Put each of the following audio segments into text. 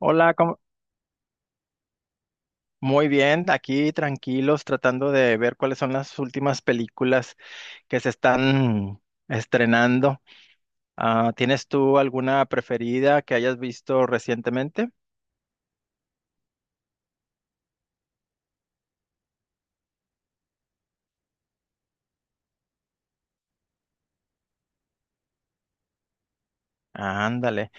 Hola, ¿cómo- Muy bien, aquí tranquilos, tratando de ver cuáles son las últimas películas que se están estrenando. ¿Tienes tú alguna preferida que hayas visto recientemente? Ándale.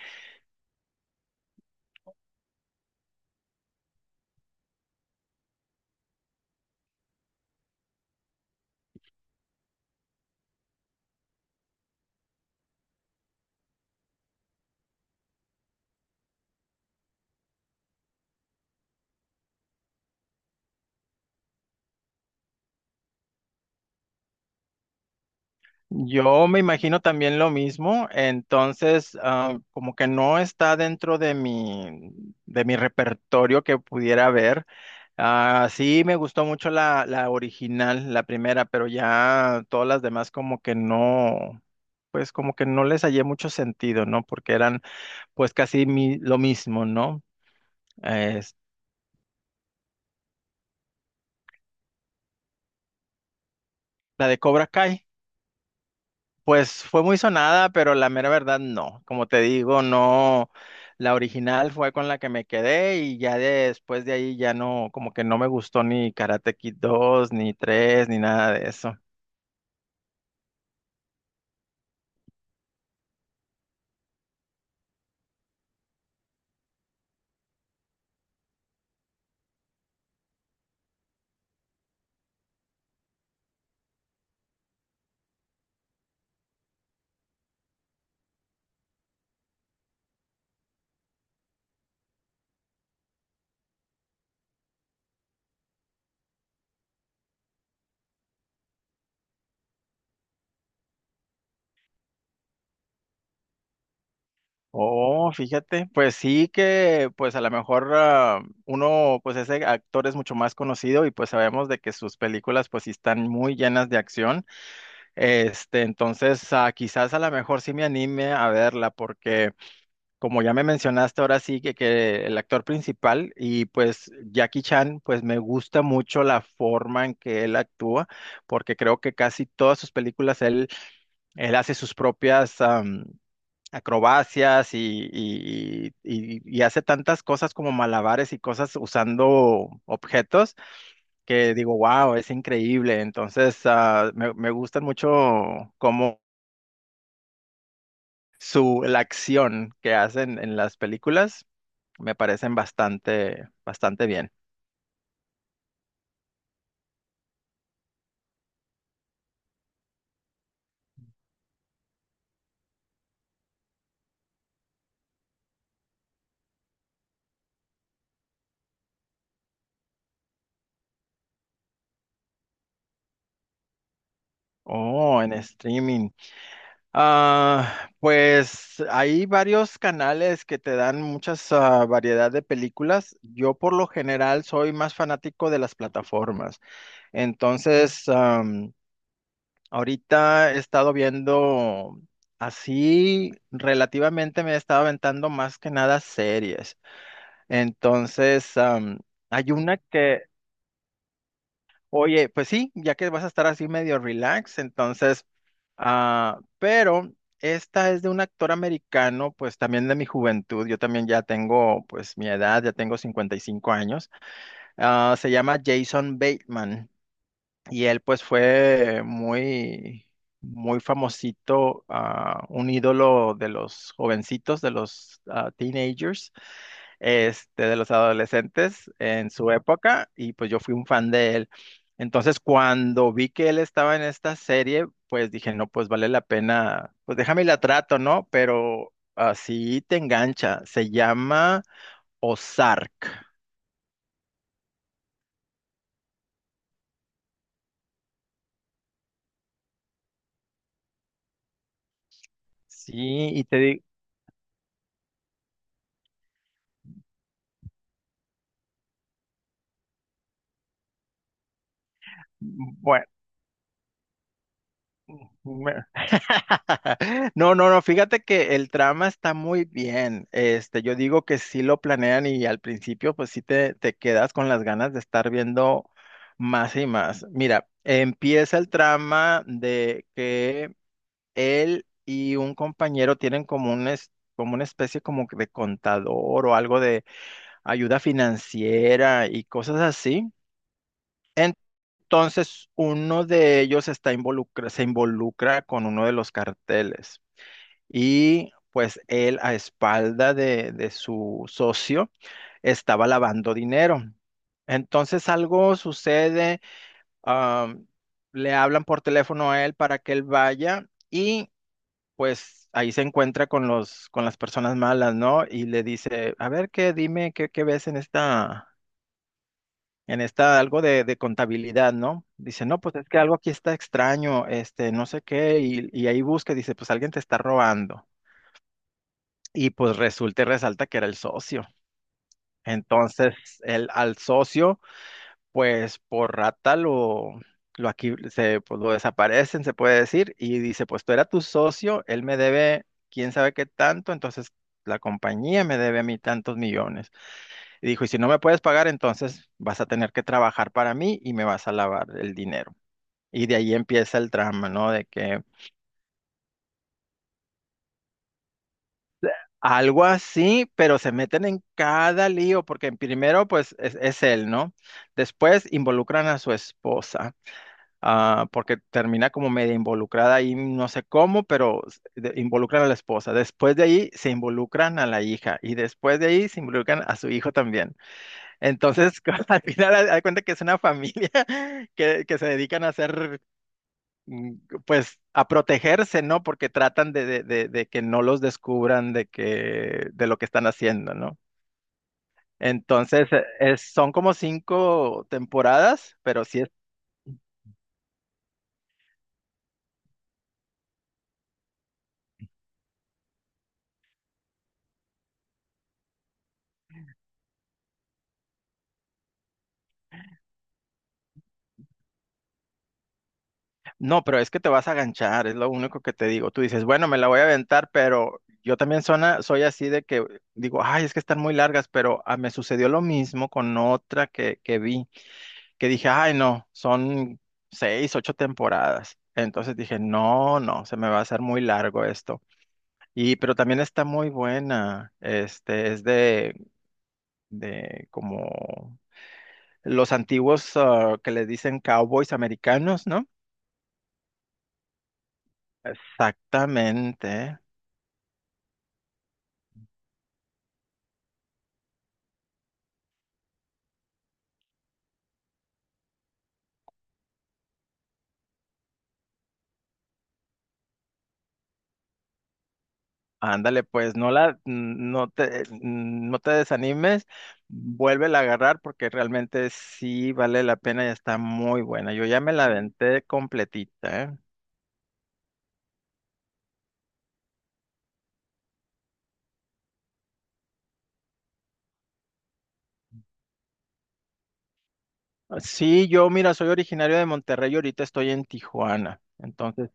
Yo me imagino también lo mismo, entonces como que no está dentro de mi repertorio que pudiera ver. Ah, sí, me gustó mucho la original, la primera, pero ya todas las demás como que no, pues como que no les hallé mucho sentido, ¿no? Porque eran pues casi mi- lo mismo, ¿no? Es la de Cobra Kai. Pues fue muy sonada, pero la mera verdad no. Como te digo, no. La original fue con la que me quedé y ya después de ahí ya no, como que no me gustó ni Karate Kid 2, ni 3, ni nada de eso. Oh, fíjate, pues sí que, pues a lo mejor uno, pues ese actor es mucho más conocido y pues sabemos de que sus películas pues sí están muy llenas de acción. Este, entonces quizás a lo mejor sí me anime a verla porque... como ya me mencionaste ahora sí que el actor principal y pues Jackie Chan, pues me gusta mucho la forma en que él actúa, porque creo que casi todas sus películas él, él hace sus propias acrobacias y hace tantas cosas como malabares y cosas usando objetos que digo, wow, es increíble. Entonces, me gustan mucho como su, la acción que hacen en las películas. Me parecen bastante, bastante bien. Oh, en streaming. Ah, pues hay varios canales que te dan muchas variedad de películas. Yo por lo general soy más fanático de las plataformas. Entonces, ahorita he estado viendo así, relativamente me he estado aventando más que nada series. Entonces, hay una que oye, pues sí, ya que vas a estar así medio relax, entonces, ah, pero esta es de un actor americano, pues también de mi juventud, yo también ya tengo pues mi edad, ya tengo 55 años. Ah, se llama Jason Bateman. Y él pues fue muy, muy famosito, un ídolo de los jovencitos, de los teenagers, este, de los adolescentes en su época, y pues yo fui un fan de él. Entonces cuando vi que él estaba en esta serie, pues dije, no, pues vale la pena, pues déjame y la trato, ¿no? Pero así te engancha, se llama Ozark, ¿sí? Y te digo... Me- no, no, no, fíjate que el trama está muy bien. Este, yo digo que sí lo planean y al principio pues sí te quedas con las ganas de estar viendo más y más. Mira, empieza el trama de que él y un compañero tienen como un es- como una especie como que de contador o algo de ayuda financiera y cosas así. Entonces, uno de ellos está involucra, se involucra con uno de los carteles. Y pues él a espalda de su socio estaba lavando dinero. Entonces algo sucede, am, le hablan por teléfono a él para que él vaya y pues ahí se encuentra con los, con las personas malas, ¿no? Y le dice, a ver, qué, dime, qué, qué ves en esta, algo de contabilidad, ¿no? Dice, no, pues es que algo aquí está extraño, este, no sé qué, y ahí busca, dice, pues alguien te está robando. Y pues resulta y resalta que era el socio. Entonces, el, al socio, pues por rata lo aquí se pues, lo desaparecen, se puede decir, y dice, pues tú era tu socio, él me debe quién sabe qué tanto, entonces la compañía me debe a mí tantos millones. Y dijo, y si no me puedes pagar, entonces vas a tener que trabajar para mí y me vas a lavar el dinero. Y de ahí empieza el drama, ¿no? De que algo así, pero se meten en cada lío, porque primero, pues, es él, ¿no? Después involucran a su esposa, ah, porque termina como media involucrada ahí, no sé cómo, pero s- de- involucran a la esposa. Después de ahí se involucran a la hija y después de ahí se involucran a su hijo también. Entonces, al final, haz haz cuenta que es una familia que se dedican a hacer mm, pues a protegerse, ¿no? Porque tratan de que no los descubran de que, de lo que están haciendo, ¿no? Entonces, es- son como 5 temporadas, pero sí es, no, pero es que te vas a ganchar, es lo único que te digo. Tú dices, bueno, me la voy a aventar, pero yo también sona- soy así de que digo, ay, es que están muy largas, pero me sucedió lo mismo con otra que vi, que dije, ay, no, son 6, 8 temporadas. Entonces dije, no, no, se me va a hacer muy largo esto. Y, pero también está muy buena. Este es de como los antiguos que le dicen cowboys americanos, ¿no? Exactamente. Ándale, pues no la, no te, no te desanimes, vuélvela a agarrar porque realmente sí vale la pena y está muy buena. Yo ya me la aventé completita, ¿eh? Sí, yo, mira, soy originario de Monterrey y ahorita estoy en Tijuana. Entonces,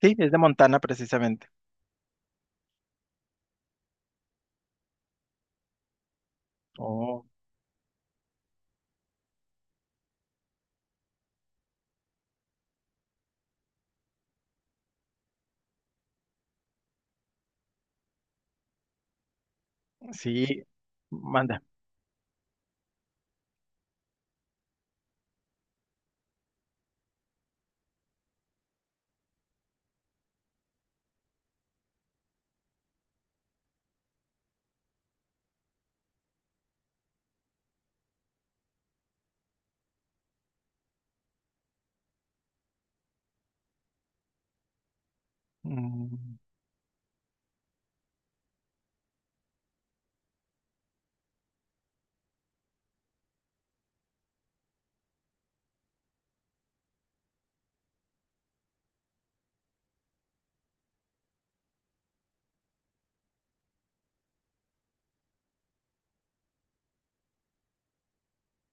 sí, es de Montana precisamente. Sí, manda. Mm.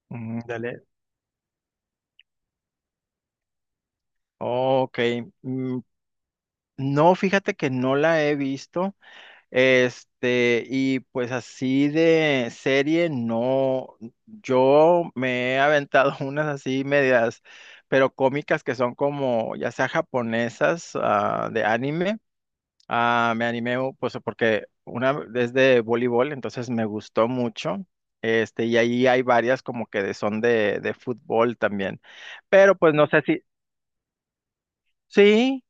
Mm, dale. Ok. mm, no, fíjate que no la he visto. Este, y pues así de serie, no. Yo me he aventado unas así medias, pero cómicas que son como, ya sea japonesas, de anime. Ah, me animé pues porque una es de voleibol, entonces me gustó mucho. Este, y ahí hay varias como que de- son de fútbol también. Pero pues no sé si. Sí,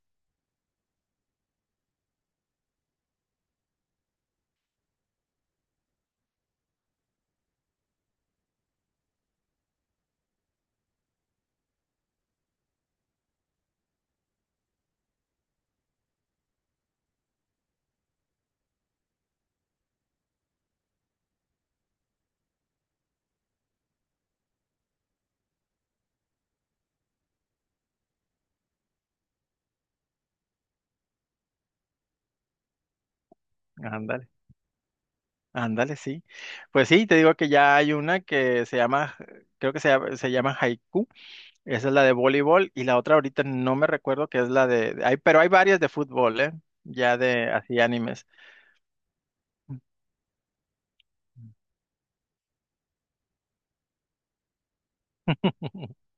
ándale, ándale, sí. Pues sí, te digo que ya hay una que se llama, creo que se llama Haiku. Esa es la de voleibol. Y la otra ahorita no me recuerdo que es la de. Hay, pero hay varias de fútbol, ¿eh? Ya de así animes.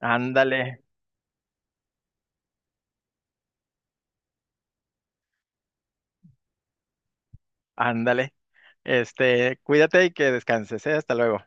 Ándale, ándale. Este, cuídate y que descanses, ¿eh? Hasta luego.